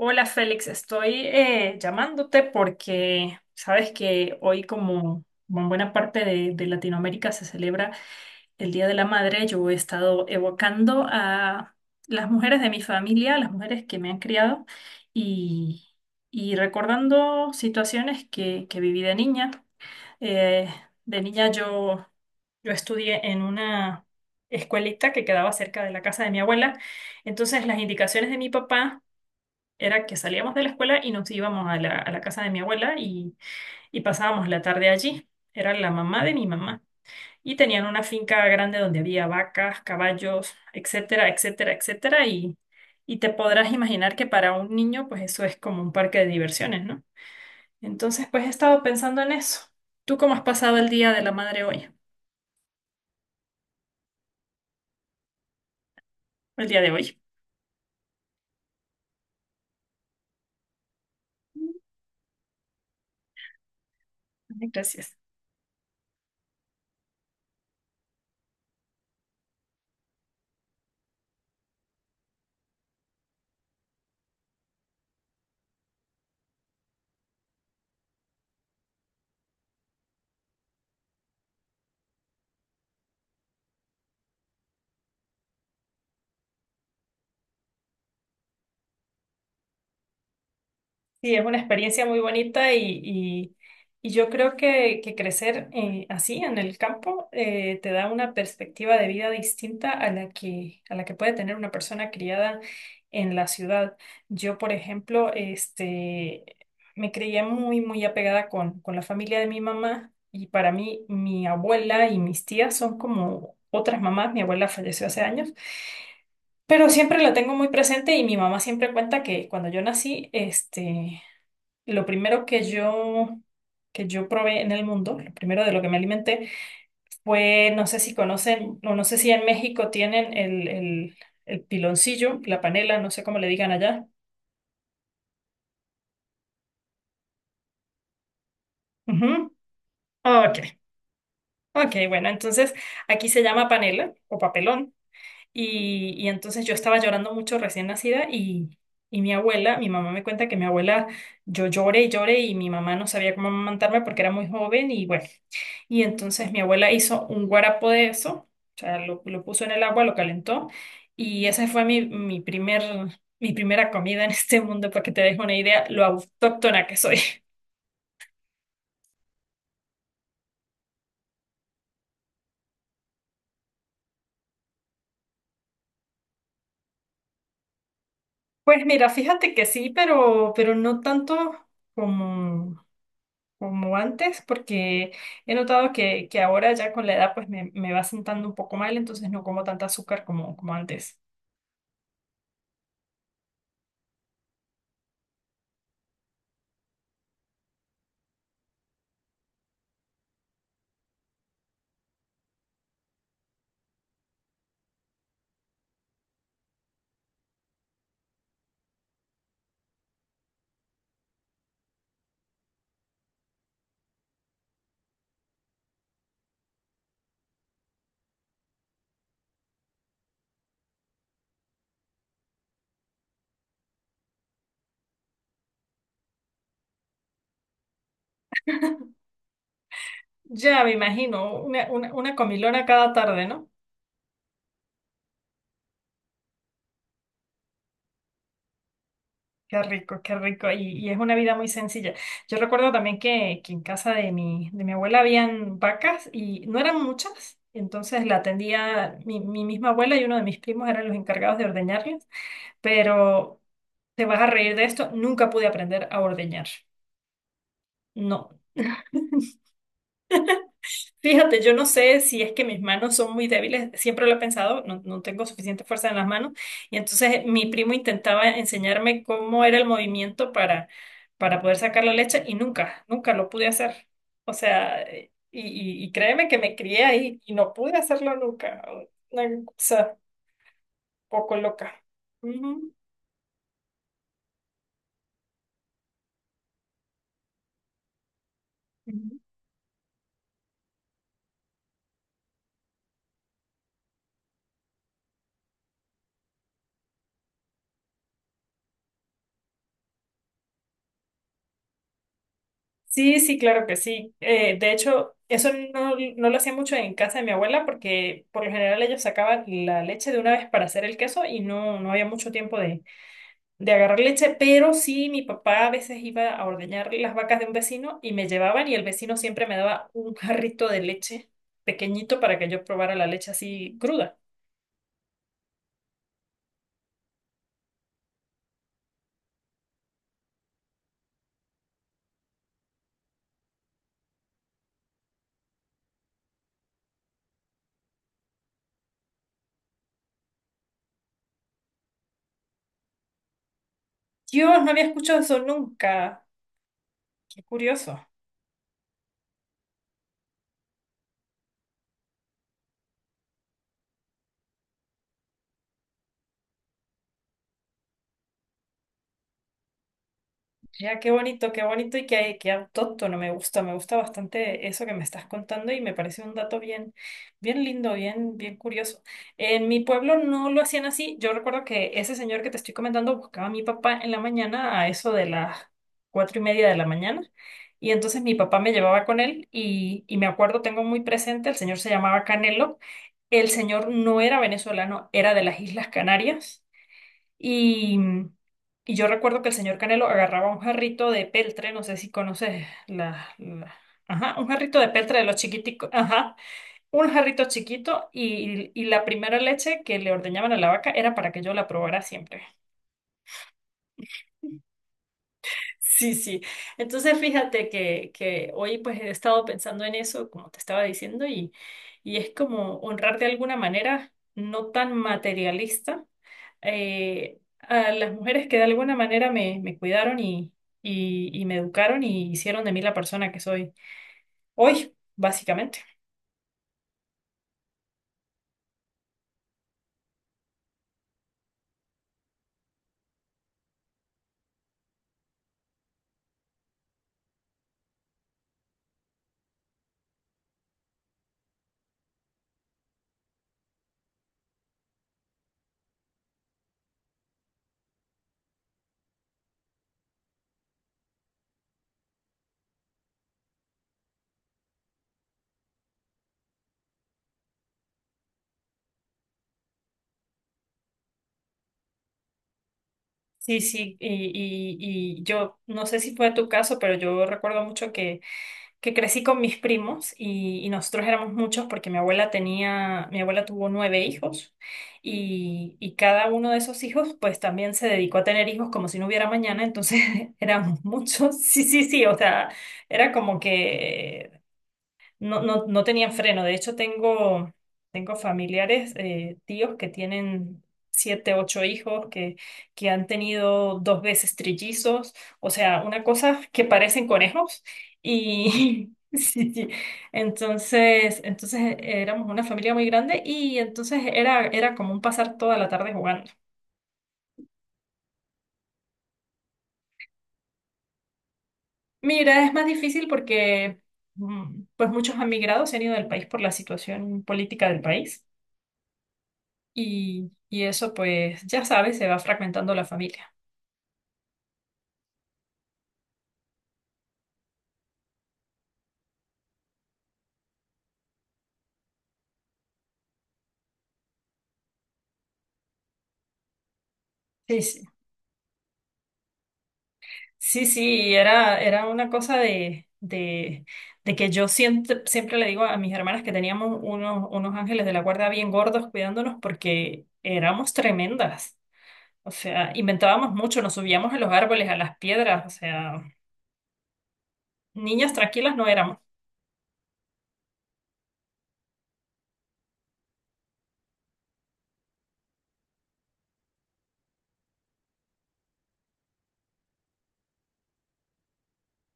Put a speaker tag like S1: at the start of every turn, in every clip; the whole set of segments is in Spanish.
S1: Hola Félix, estoy llamándote porque sabes que hoy como en buena parte de Latinoamérica se celebra el Día de la Madre, yo he estado evocando a las mujeres de mi familia, a las mujeres que me han criado y, y recordando situaciones que viví de niña. Eh, de niña yo estudié en una escuelita que quedaba cerca de la casa de mi abuela, entonces las indicaciones de mi papá era que salíamos de la escuela y nos íbamos a la casa de mi abuela y pasábamos la tarde allí. Era la mamá de mi mamá. Y tenían una finca grande donde había vacas, caballos, etcétera, etcétera, etcétera. Y te podrás imaginar que para un niño, pues eso es como un parque de diversiones, ¿no? Entonces, pues he estado pensando en eso. ¿Tú cómo has pasado el día de la madre hoy? El día de hoy. Ay, gracias. Sí, es una experiencia muy bonita y yo creo que crecer así en el campo te da una perspectiva de vida distinta a la que puede tener una persona criada en la ciudad. Yo, por ejemplo, este, me creía muy, muy apegada con la familia de mi mamá y para mí mi abuela y mis tías son como otras mamás. Mi abuela falleció hace años. Pero siempre la tengo muy presente y mi mamá siempre cuenta que cuando yo nací, este, lo primero que yo probé en el mundo, lo primero de lo que me alimenté fue, no sé si conocen, o no sé si en México tienen el piloncillo, la panela, no sé cómo le digan allá. Ujú. Ok, ok, bueno, entonces aquí se llama panela o papelón. Y entonces yo estaba llorando mucho recién nacida y mi abuela, mi mamá me cuenta que mi abuela, yo lloré y lloré y mi mamá no sabía cómo amamantarme porque era muy joven y bueno. Y entonces mi abuela hizo un guarapo de eso, o sea, lo puso en el agua, lo calentó, y esa fue mi primera comida en este mundo, para que te dejes una idea lo autóctona que soy. Pues mira, fíjate que sí, pero no tanto como, como antes, porque he notado que ahora ya con la edad pues me va sentando un poco mal, entonces no como tanta azúcar como antes. Ya me imagino, una comilona cada tarde, ¿no? Qué rico, qué rico. Y es una vida muy sencilla. Yo recuerdo también que en casa de mi abuela habían vacas y no eran muchas. Entonces la atendía mi misma abuela y uno de mis primos eran los encargados de ordeñarlas. Pero te vas a reír de esto, nunca pude aprender a ordeñar. No. Fíjate, yo no sé si es que mis manos son muy débiles, siempre lo he pensado, no, tengo suficiente fuerza en las manos, y entonces mi primo intentaba enseñarme cómo era el movimiento para poder sacar la leche y nunca, nunca lo pude hacer. O sea, y créeme que me crié ahí y no pude hacerlo nunca. Una cosa poco loca. Ujú. Sí, sí, claro que sí. De hecho, eso no, lo hacía mucho en casa de mi abuela porque por lo general ellos sacaban la leche de una vez para hacer el queso y no había mucho tiempo de agarrar leche, pero sí, mi papá a veces iba a ordeñar las vacas de un vecino y me llevaban y el vecino siempre me daba un jarrito de leche pequeñito para que yo probara la leche así cruda. Dios, no había escuchado eso nunca. Qué curioso. ¡Ya qué bonito y qué autóctono! Me gusta, me gusta bastante eso que me estás contando y me parece un dato bien, bien lindo, bien, bien curioso. En mi pueblo no lo hacían así, yo recuerdo que ese señor que te estoy comentando buscaba a mi papá en la mañana a eso de las 4:30 de la mañana y entonces mi papá me llevaba con él y me acuerdo, tengo muy presente, el señor se llamaba Canelo, el señor no era venezolano, era de las Islas Canarias. Y, y yo recuerdo que el señor Canelo agarraba un jarrito de peltre, no sé si conoces. Ajá, un jarrito de peltre de los chiquiticos, ajá, un jarrito chiquito y la primera leche que le ordeñaban a la vaca era para que yo la probara siempre. Sí, sí. Entonces fíjate que hoy pues he estado pensando en eso, como te estaba diciendo, y es como honrar de alguna manera, no tan materialista, a las mujeres que de alguna manera me cuidaron y me educaron y hicieron de mí la persona que soy hoy, básicamente. Sí, sí, y yo no sé si fue tu caso, pero yo recuerdo mucho que crecí con mis primos y nosotros éramos muchos porque mi abuela tuvo nueve hijos y cada uno de esos hijos pues también se dedicó a tener hijos como si no hubiera mañana, entonces éramos muchos, sí, sí, sí. O sea, era como que No, no, no tenían freno. De hecho, tengo, familiares, tíos que tienen siete, ocho hijos, que han tenido dos veces trillizos. O sea, una cosa que parecen conejos. Y sí, sí. Entonces, éramos una familia muy grande y entonces era como un pasar toda la tarde jugando. Mira, es más difícil porque pues muchos han migrado, se han ido del país por la situación política del país. Y eso, pues, ya sabes, se va fragmentando la familia. Sí, sí. Sí, sí, era una cosa de que yo siempre, siempre le digo a mis hermanas que teníamos unos ángeles de la guarda bien gordos cuidándonos porque éramos tremendas. O sea, inventábamos mucho, nos subíamos a los árboles, a las piedras, o sea, niñas tranquilas no éramos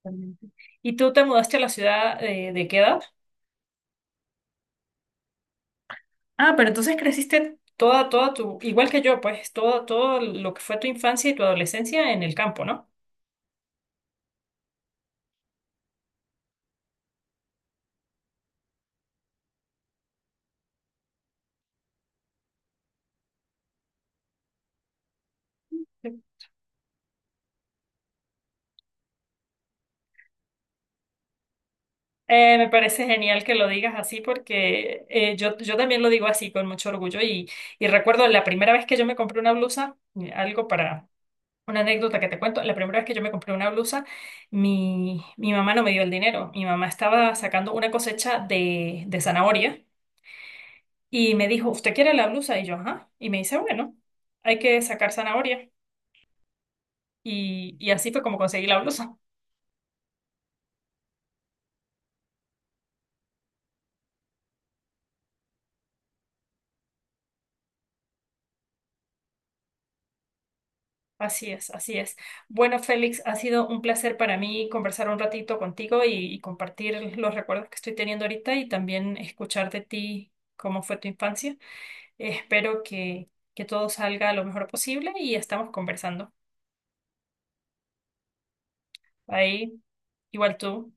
S1: realmente. ¿Y tú te mudaste a la ciudad de qué edad? Ah, pero entonces creciste igual que yo, pues todo lo que fue tu infancia y tu adolescencia en el campo, ¿no? Me parece genial que lo digas así porque yo también lo digo así con mucho orgullo y recuerdo la primera vez que yo me compré una blusa, algo para una anécdota que te cuento, la primera vez que yo me compré una blusa, mi mamá no me dio el dinero, mi mamá estaba sacando una cosecha de zanahoria y me dijo, ¿usted quiere la blusa? Y yo, ajá, y me dice, bueno, hay que sacar zanahoria. Y así fue como conseguí la blusa. Así es, así es. Bueno, Félix, ha sido un placer para mí conversar un ratito contigo y compartir los recuerdos que estoy teniendo ahorita y también escuchar de ti cómo fue tu infancia. Espero que todo salga lo mejor posible y estamos conversando. Ahí, igual tú.